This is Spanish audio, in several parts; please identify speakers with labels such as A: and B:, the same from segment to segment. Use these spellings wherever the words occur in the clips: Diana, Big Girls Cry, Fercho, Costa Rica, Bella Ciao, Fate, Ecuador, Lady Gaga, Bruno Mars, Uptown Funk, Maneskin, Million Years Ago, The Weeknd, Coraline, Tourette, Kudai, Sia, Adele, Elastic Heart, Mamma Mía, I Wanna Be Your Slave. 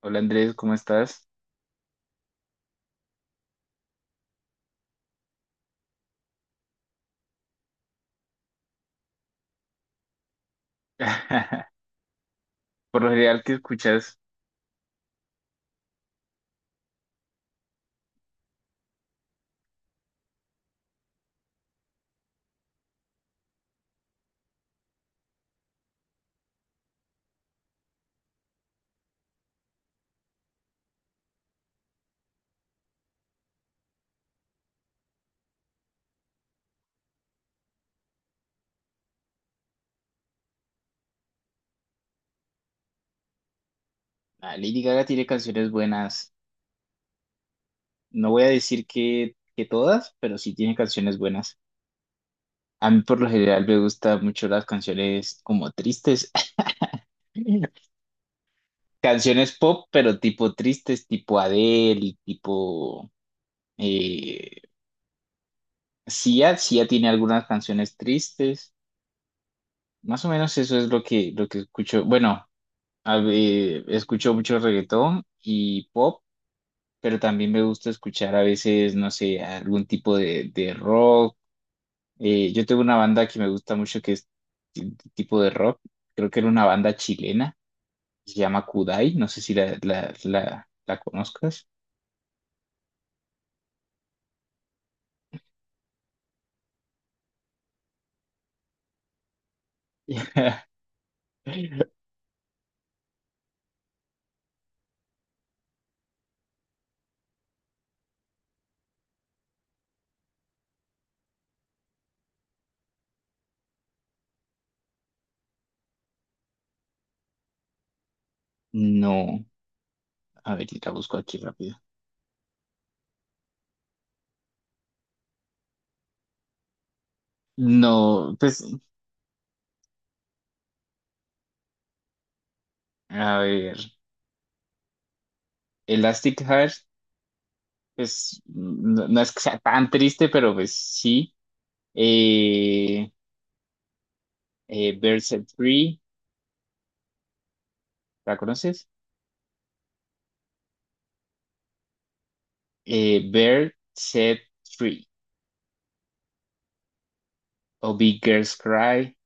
A: Hola Andrés, ¿cómo estás? Por lo general, ¿qué escuchas? Ah, Lady Gaga tiene canciones buenas. No voy a decir que todas, pero sí tiene canciones buenas. A mí por lo general me gustan mucho las canciones como tristes. Canciones pop, pero tipo tristes, tipo Adele y tipo eh, Sia. Sia tiene algunas canciones tristes. Más o menos eso es lo que escucho. Bueno, a ver, escucho mucho reggaetón y pop, pero también me gusta escuchar a veces, no sé, algún tipo de rock. Yo tengo una banda que me gusta mucho que es t- tipo de rock, creo que era una banda chilena, se llama Kudai, no sé si la conozcas. No, a ver, la busco aquí rápido. No, pues, a ver, Elastic Heart, pues, no, no es que sea tan triste, pero pues sí. Eh, eh, Free, ¿la conoces? Eh, Bird, Set Free o Big Girls Cry,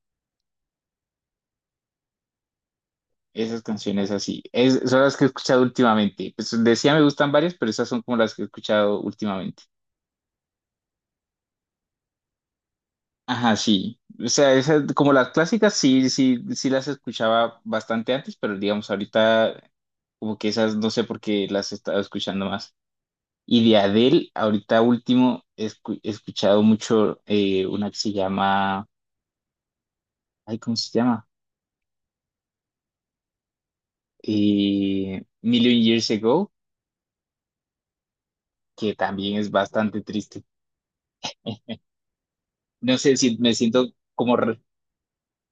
A: esas canciones así. Es, son las que he escuchado últimamente. Pues decía me gustan varias, pero esas son como las que he escuchado últimamente. Ajá, sí. O sea, esas, como las clásicas, sí, sí, sí las escuchaba bastante antes, pero digamos, ahorita como que esas no sé por qué las he estado escuchando más. Y de Adele, ahorita último, he escuchado mucho, una que se llama, ay, ¿cómo se llama? Million Years Ago, que también es bastante triste. No sé si me siento como, re-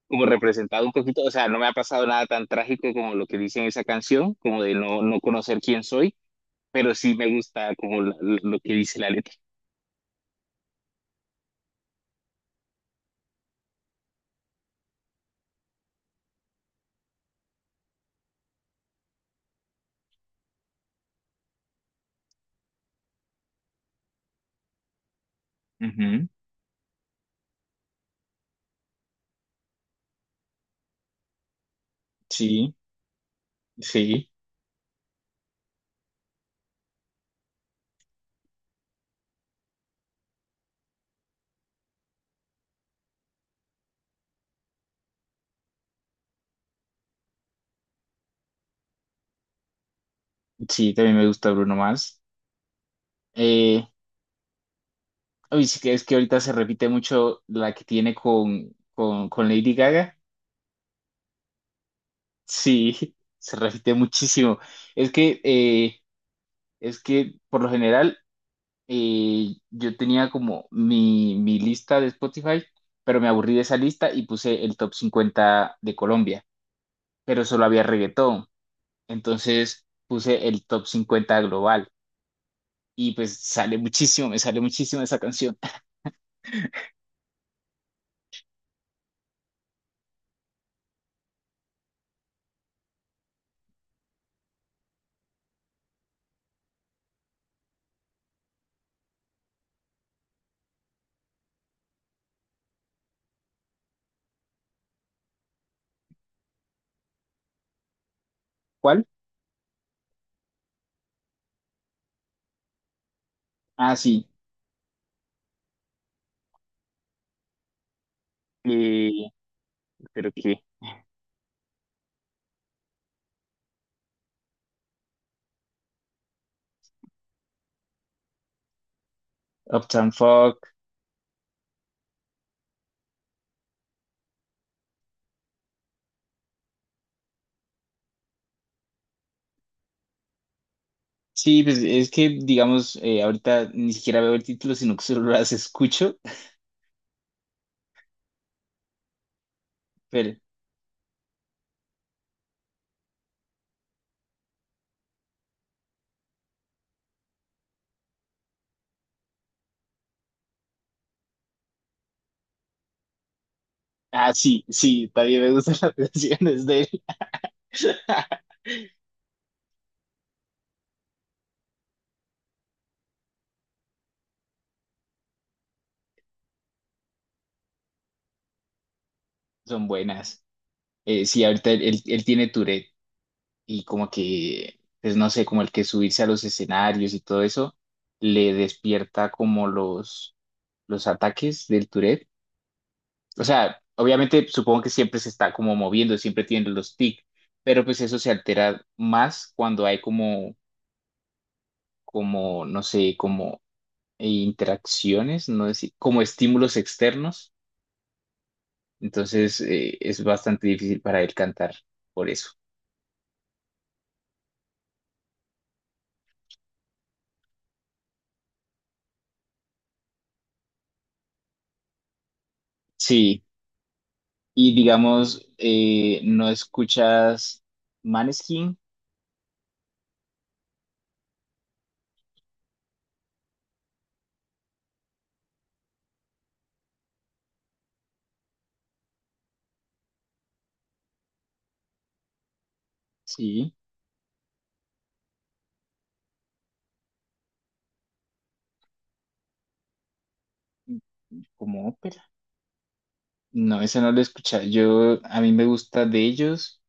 A: como representado un poquito, o sea, no me ha pasado nada tan trágico como lo que dice en esa canción, como de no, no conocer quién soy, pero sí me gusta como lo que dice la letra. Ujú. Sí, sí, sí, también me gusta Bruno Mars. Eh, Uy, sí, que es que ahorita se repite mucho la que tiene con Lady Gaga. Sí, se repite muchísimo. Es que, eh, es que por lo general, yo tenía como mi lista de Spotify, pero me aburrí de esa lista y puse el top 50 de Colombia, pero solo había reggaetón. Entonces puse el top 50 global y pues sale muchísimo, me sale muchísimo esa canción. ¿Cuál? Ah, sí, eh, pero que Uptown Funk. Sí, pues es que digamos, ahorita ni siquiera veo el título, sino que solo las escucho, pero... Ah, sí, sí, también me gustan las canciones de él. Son buenas. Sí, ahorita él tiene Tourette y como que, pues no sé, como el que subirse a los escenarios y todo eso le despierta como los ataques del Tourette. O sea, obviamente supongo que siempre se está como moviendo, siempre tiene los tics, pero pues eso se altera más cuando hay no sé, como interacciones, no sé, como estímulos externos. Entonces es bastante difícil para él cantar por eso. Sí. Y digamos, ¿no escuchas Maneskin? Sí, como ópera. No, esa no la he escuchado. Yo, a mí me gusta de ellos,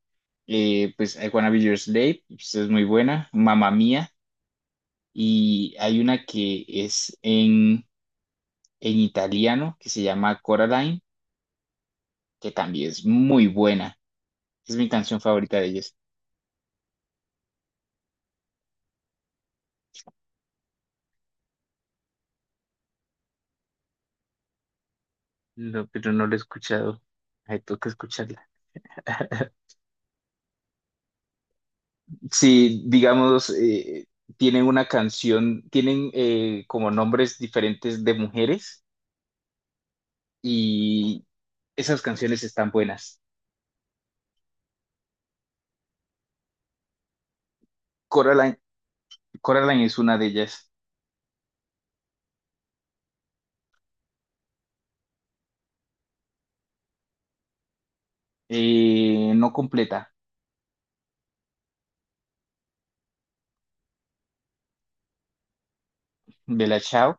A: pues I Wanna Be Your Slave, pues, es muy buena, Mamma Mía, y hay una que es en italiano que se llama Coraline, que también es muy buena. Es mi canción favorita de ellos. No, pero no la he escuchado. Hay que escucharla. Si, digamos, tienen una canción, tienen como nombres diferentes de mujeres, y esas canciones están buenas. Coraline, Coraline es una de ellas. No completa. Bella Ciao.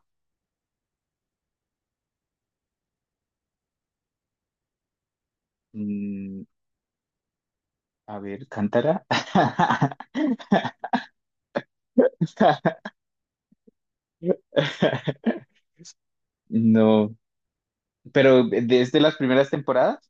A: Mm, a ver, Cántara. No, pero desde las primeras temporadas.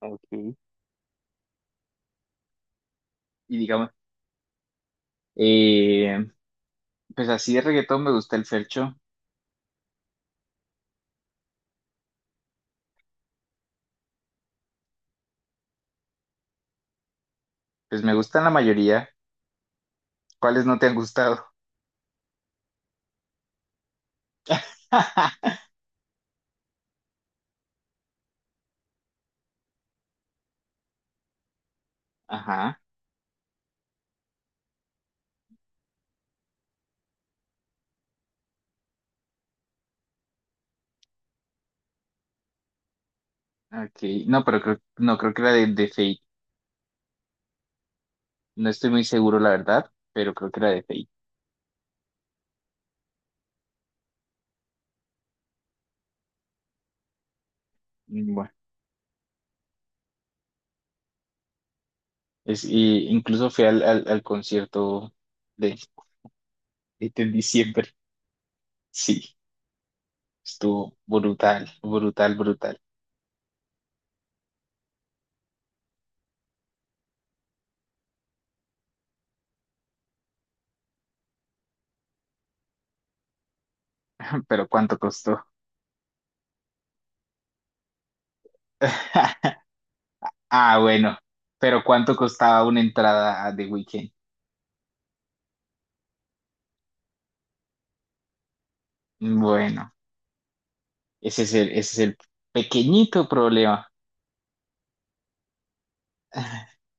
A: Ok. Y digamos, eh, pues así de reggaetón me gusta el Fercho. Pues me gustan la mayoría. ¿Cuáles no te han gustado? Ajá, ok. No, pero creo, no, creo que era de Fate. No estoy muy seguro, la verdad, pero creo que era de Fate. Mm, bueno, es, y incluso fui al concierto de, este, en diciembre. Sí, estuvo brutal, brutal, brutal. Pero ¿cuánto costó? Ah, bueno, pero ¿cuánto costaba una entrada a The Weeknd? Bueno, ese es el pequeñito problema.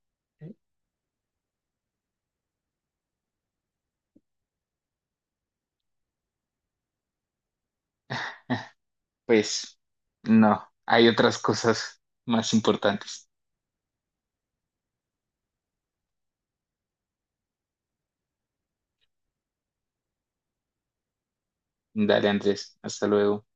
A: Pues no, hay otras cosas más importantes. Dale, Andrés, hasta luego.